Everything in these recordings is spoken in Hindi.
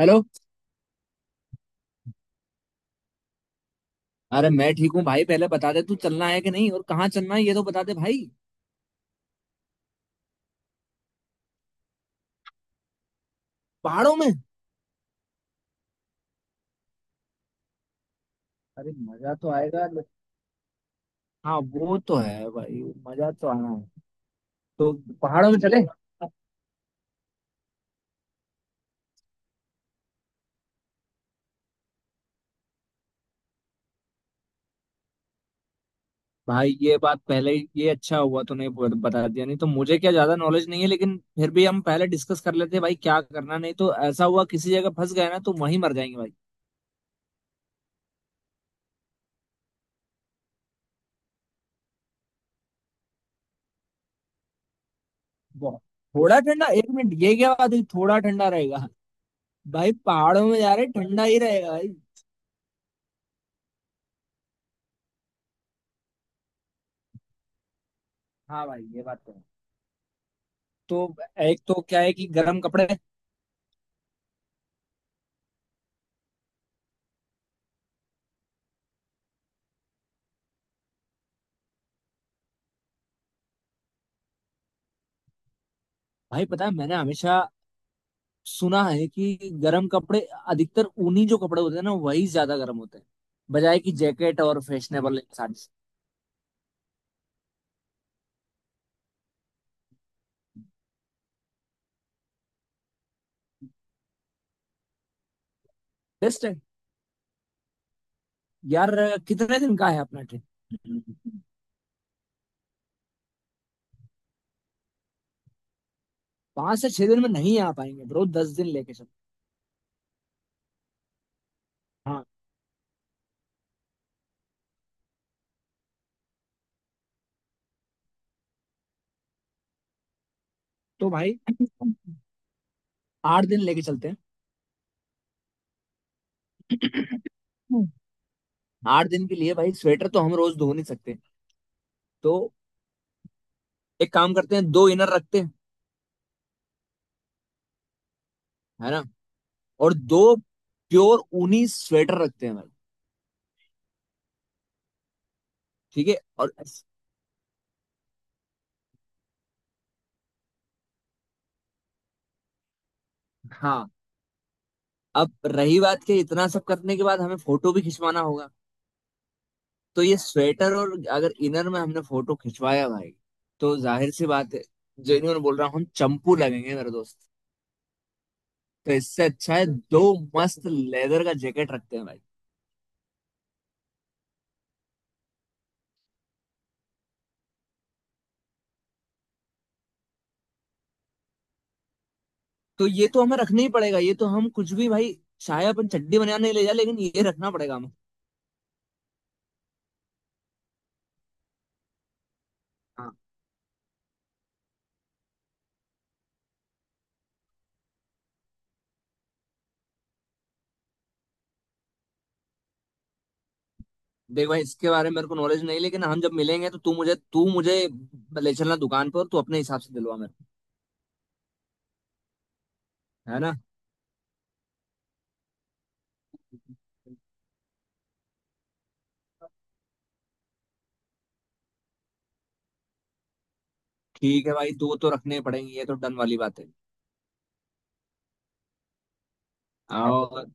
हेलो। अरे मैं ठीक हूँ भाई, पहले बता दे तू चलना है कि नहीं और कहाँ चलना है ये तो बता दे भाई। पहाड़ों में। अरे मजा तो आएगा हाँ वो तो है भाई, मजा तो आना है। तो पहाड़ों में चले। भाई ये बात पहले ये अच्छा हुआ तूने बता दिया, नहीं तो मुझे क्या ज्यादा नॉलेज नहीं है, लेकिन फिर भी हम पहले डिस्कस कर लेते भाई क्या करना, नहीं तो ऐसा हुआ किसी जगह फंस गए ना तो वहीं मर जाएंगे भाई। बहुत। थोड़ा ठंडा? एक मिनट, ये क्या बात हुई, थोड़ा ठंडा रहेगा? भाई पहाड़ों में जा रहे, ठंडा ही रहेगा भाई। हाँ भाई, ये बात तो है। तो एक तो क्या है कि गर्म कपड़े। भाई पता है, मैंने हमेशा सुना है कि गर्म कपड़े अधिकतर ऊनी जो कपड़े होते हैं ना वही ज्यादा गर्म होते हैं, बजाय कि जैकेट और फैशनेबल साड़ी। बेस्ट है। यार कितने दिन का है अपना ट्रिप? पांच से छह दिन में नहीं आ पाएंगे ब्रो, दस दिन लेके चल। हाँ। तो भाई आठ दिन लेके चलते हैं। आठ दिन के लिए भाई, स्वेटर तो हम रोज धो नहीं सकते। तो एक काम करते हैं, दो इनर रखते हैं। है ना? और दो प्योर ऊनी स्वेटर रखते हैं भाई। ठीक है, और हाँ, अब रही बात के इतना सब करने के बाद हमें फोटो भी खिंचवाना होगा। तो ये स्वेटर और अगर इनर में हमने फोटो खिंचवाया भाई, तो जाहिर सी बात है। जेन्युइन बोल रहा हूँ, हम चंपू लगेंगे मेरे दोस्त। तो इससे अच्छा है दो मस्त लेदर का जैकेट रखते हैं भाई। तो ये तो हमें रखना ही पड़ेगा, ये तो हम कुछ भी भाई, चाहे अपन चड्डी बनाने ले जाए लेकिन ये रखना पड़ेगा हमें। देख भाई, इसके बारे में मेरे को नॉलेज नहीं, लेकिन हम जब मिलेंगे तो तू मुझे ले चलना दुकान पर, तू अपने हिसाब से दिलवा मेरे को, है ना? ठीक है भाई, दो तो रखने पड़ेंगे, ये तो डन वाली बात है। और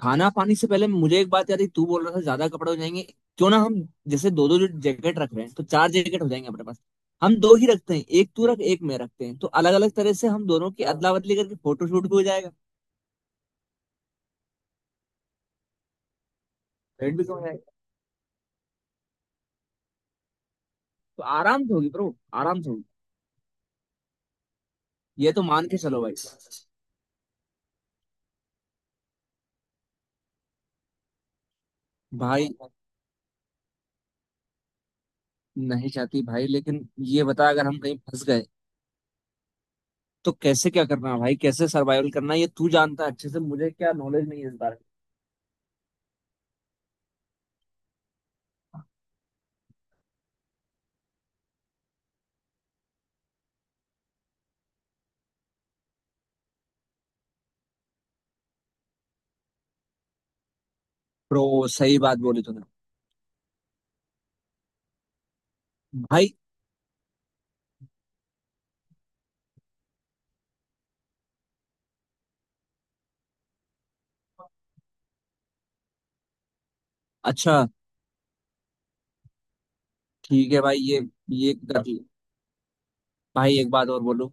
खाना पानी से पहले मुझे एक बात याद आई, तू बोल रहा था ज्यादा कपड़े हो जाएंगे। क्यों ना हम, जैसे दो दो जो जैकेट रख रहे हैं तो चार जैकेट हो जाएंगे अपने पास, हम दो ही रखते हैं, एक तू रख एक मैं रखते हैं, तो अलग अलग तरह से हम दोनों की अदला बदली करके फोटो शूट भी हो जाएगा। रेट भी कम हो जाएगा। तो आराम से होगी ब्रो, आराम से होगी। ये तो मान के चलो भाई। भाई नहीं जाती भाई, लेकिन ये बता अगर हम कहीं फंस गए तो कैसे क्या करना है भाई, कैसे सर्वाइवल करना है ये तू जानता है अच्छे से, मुझे क्या नॉलेज नहीं है इस बारे में। प्रो, सही बात बोली तूने। भाई, अच्छा। ठीक है भाई, ये कर लिया। भाई एक बात और बोलूं?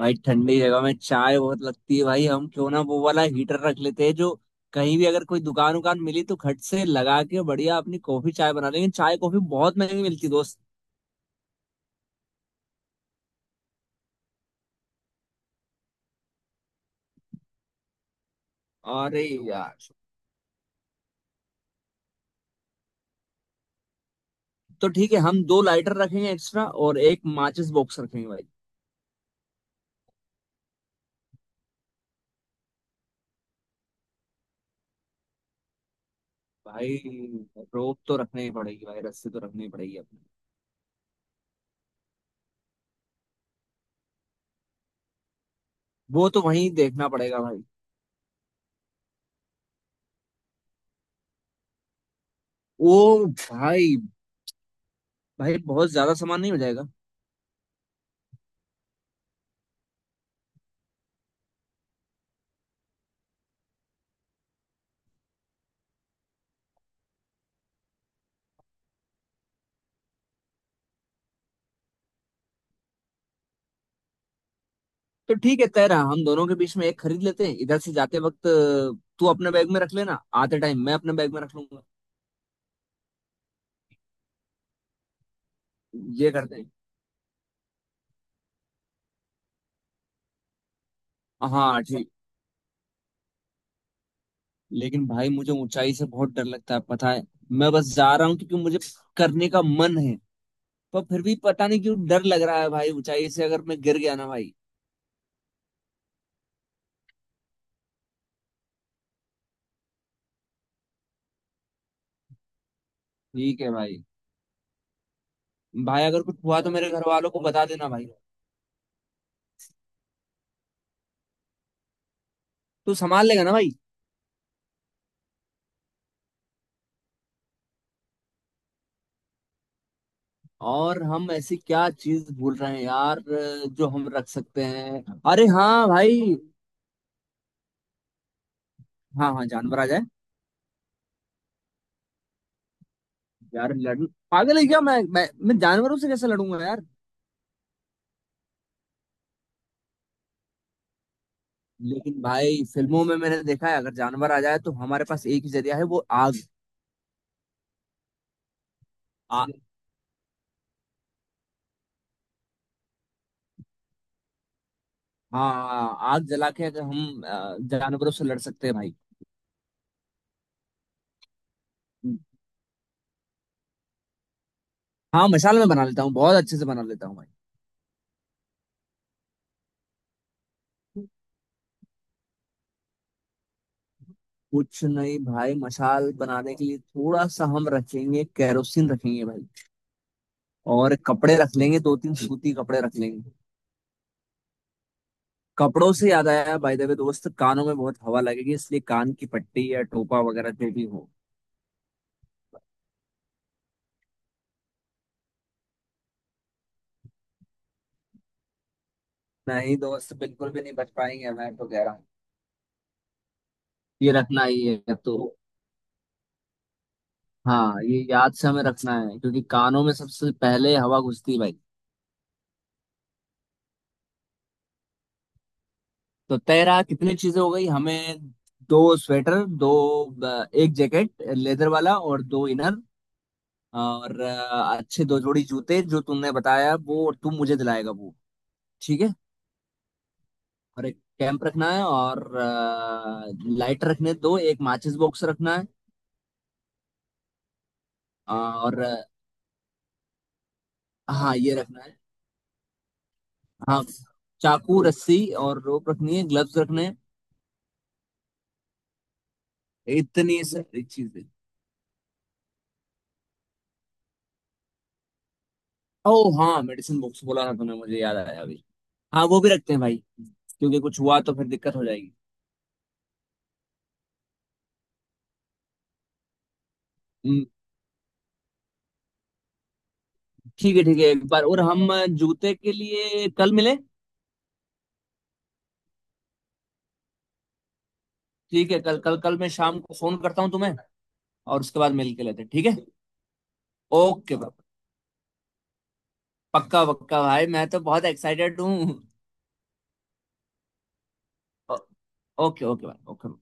भाई ठंडी जगह में चाय बहुत लगती है भाई, हम क्यों ना वो वाला हीटर रख लेते हैं जो, कहीं भी अगर कोई दुकान उकान मिली तो खट से लगा के बढ़िया अपनी कॉफी चाय बना लेंगे, चाय कॉफी बहुत महंगी मिलती दोस्त। अरे यार, तो ठीक है हम दो लाइटर रखेंगे एक्स्ट्रा और एक माचिस बॉक्स रखेंगे भाई। भाई रोप तो रखनी ही पड़ेगी भाई, रस्सी तो रखनी ही पड़ेगी अपने। वो तो वहीं देखना पड़ेगा भाई। ओ भाई। भाई बहुत ज्यादा सामान नहीं हो जाएगा? तो ठीक है, तय रहा, हम दोनों के बीच में एक खरीद लेते हैं, इधर से जाते वक्त तू अपने बैग में रख लेना, आते टाइम मैं अपने बैग में रख लूंगा। ये करते हैं। हाँ ठीक। लेकिन भाई मुझे ऊंचाई से बहुत डर लगता है पता है। मैं बस जा रहा हूँ क्योंकि मुझे करने का मन है। पर फिर भी पता नहीं क्यों डर लग रहा है भाई, ऊंचाई से अगर मैं गिर गया ना भाई। ठीक है भाई। भाई अगर कुछ हुआ तो मेरे घर वालों को बता देना भाई। तू संभाल लेगा ना भाई? और हम ऐसी क्या चीज भूल रहे हैं यार, जो हम रख सकते हैं? अरे हाँ भाई। हाँ हाँ, जानवर आ जाए। यार लड़? पागल है क्या, मैं जानवरों से कैसे लड़ूंगा यार। लेकिन भाई फिल्मों में मैंने देखा है, अगर जानवर आ जाए तो हमारे पास एक ही जरिया है, वो आग। आ, हाँ, आग जला के अगर हम जानवरों से लड़ सकते हैं भाई। हाँ मशाल में बना लेता हूँ, बहुत अच्छे से बना लेता हूँ भाई। कुछ नहीं भाई, मशाल बनाने के लिए थोड़ा सा हम रखेंगे, कैरोसिन रखेंगे भाई। और कपड़े रख लेंगे, दो तीन सूती कपड़े रख लेंगे। कपड़ों से याद आया बाय द वे दोस्त, कानों में बहुत हवा लगेगी इसलिए कान की पट्टी या टोपा वगैरह जो भी हो। नहीं दोस्त, बिल्कुल भी नहीं बच पाएंगे, मैं तो कह रहा हूँ। ये रखना ही है तो। हाँ, ये याद से हमें रखना है क्योंकि कानों में सबसे पहले हवा घुसती है भाई। तो तेरा कितनी चीजें हो गई हमें, दो स्वेटर, दो, एक जैकेट लेदर वाला और दो इनर। और अच्छे दो जोड़ी जूते जो तुमने बताया वो, और तुम मुझे दिलाएगा वो, ठीक है। और एक कैंप रखना है, और लाइटर रखने दो, एक माचिस बॉक्स रखना है। और हाँ, ये रखना है। हाँ, चाकू रस्सी, और रोप रखनी है, ग्लव्स रखने हैं। इतनी सारी चीजें। ओ हाँ, मेडिसिन बॉक्स बोला ना तुमने, मुझे याद आया अभी। हाँ वो भी रखते हैं भाई, क्योंकि कुछ हुआ तो फिर दिक्कत हो जाएगी। हम्म। ठीक है ठीक है, एक बार और हम जूते के लिए कल मिले। ठीक है, कल कल कल मैं शाम को फोन करता हूँ तुम्हें, और उसके बाद मिल के लेते हैं, ठीक है। ओके भाई, पक्का पक्का भाई, मैं तो बहुत एक्साइटेड हूँ। ओ- ओके ओके भाई। ओके।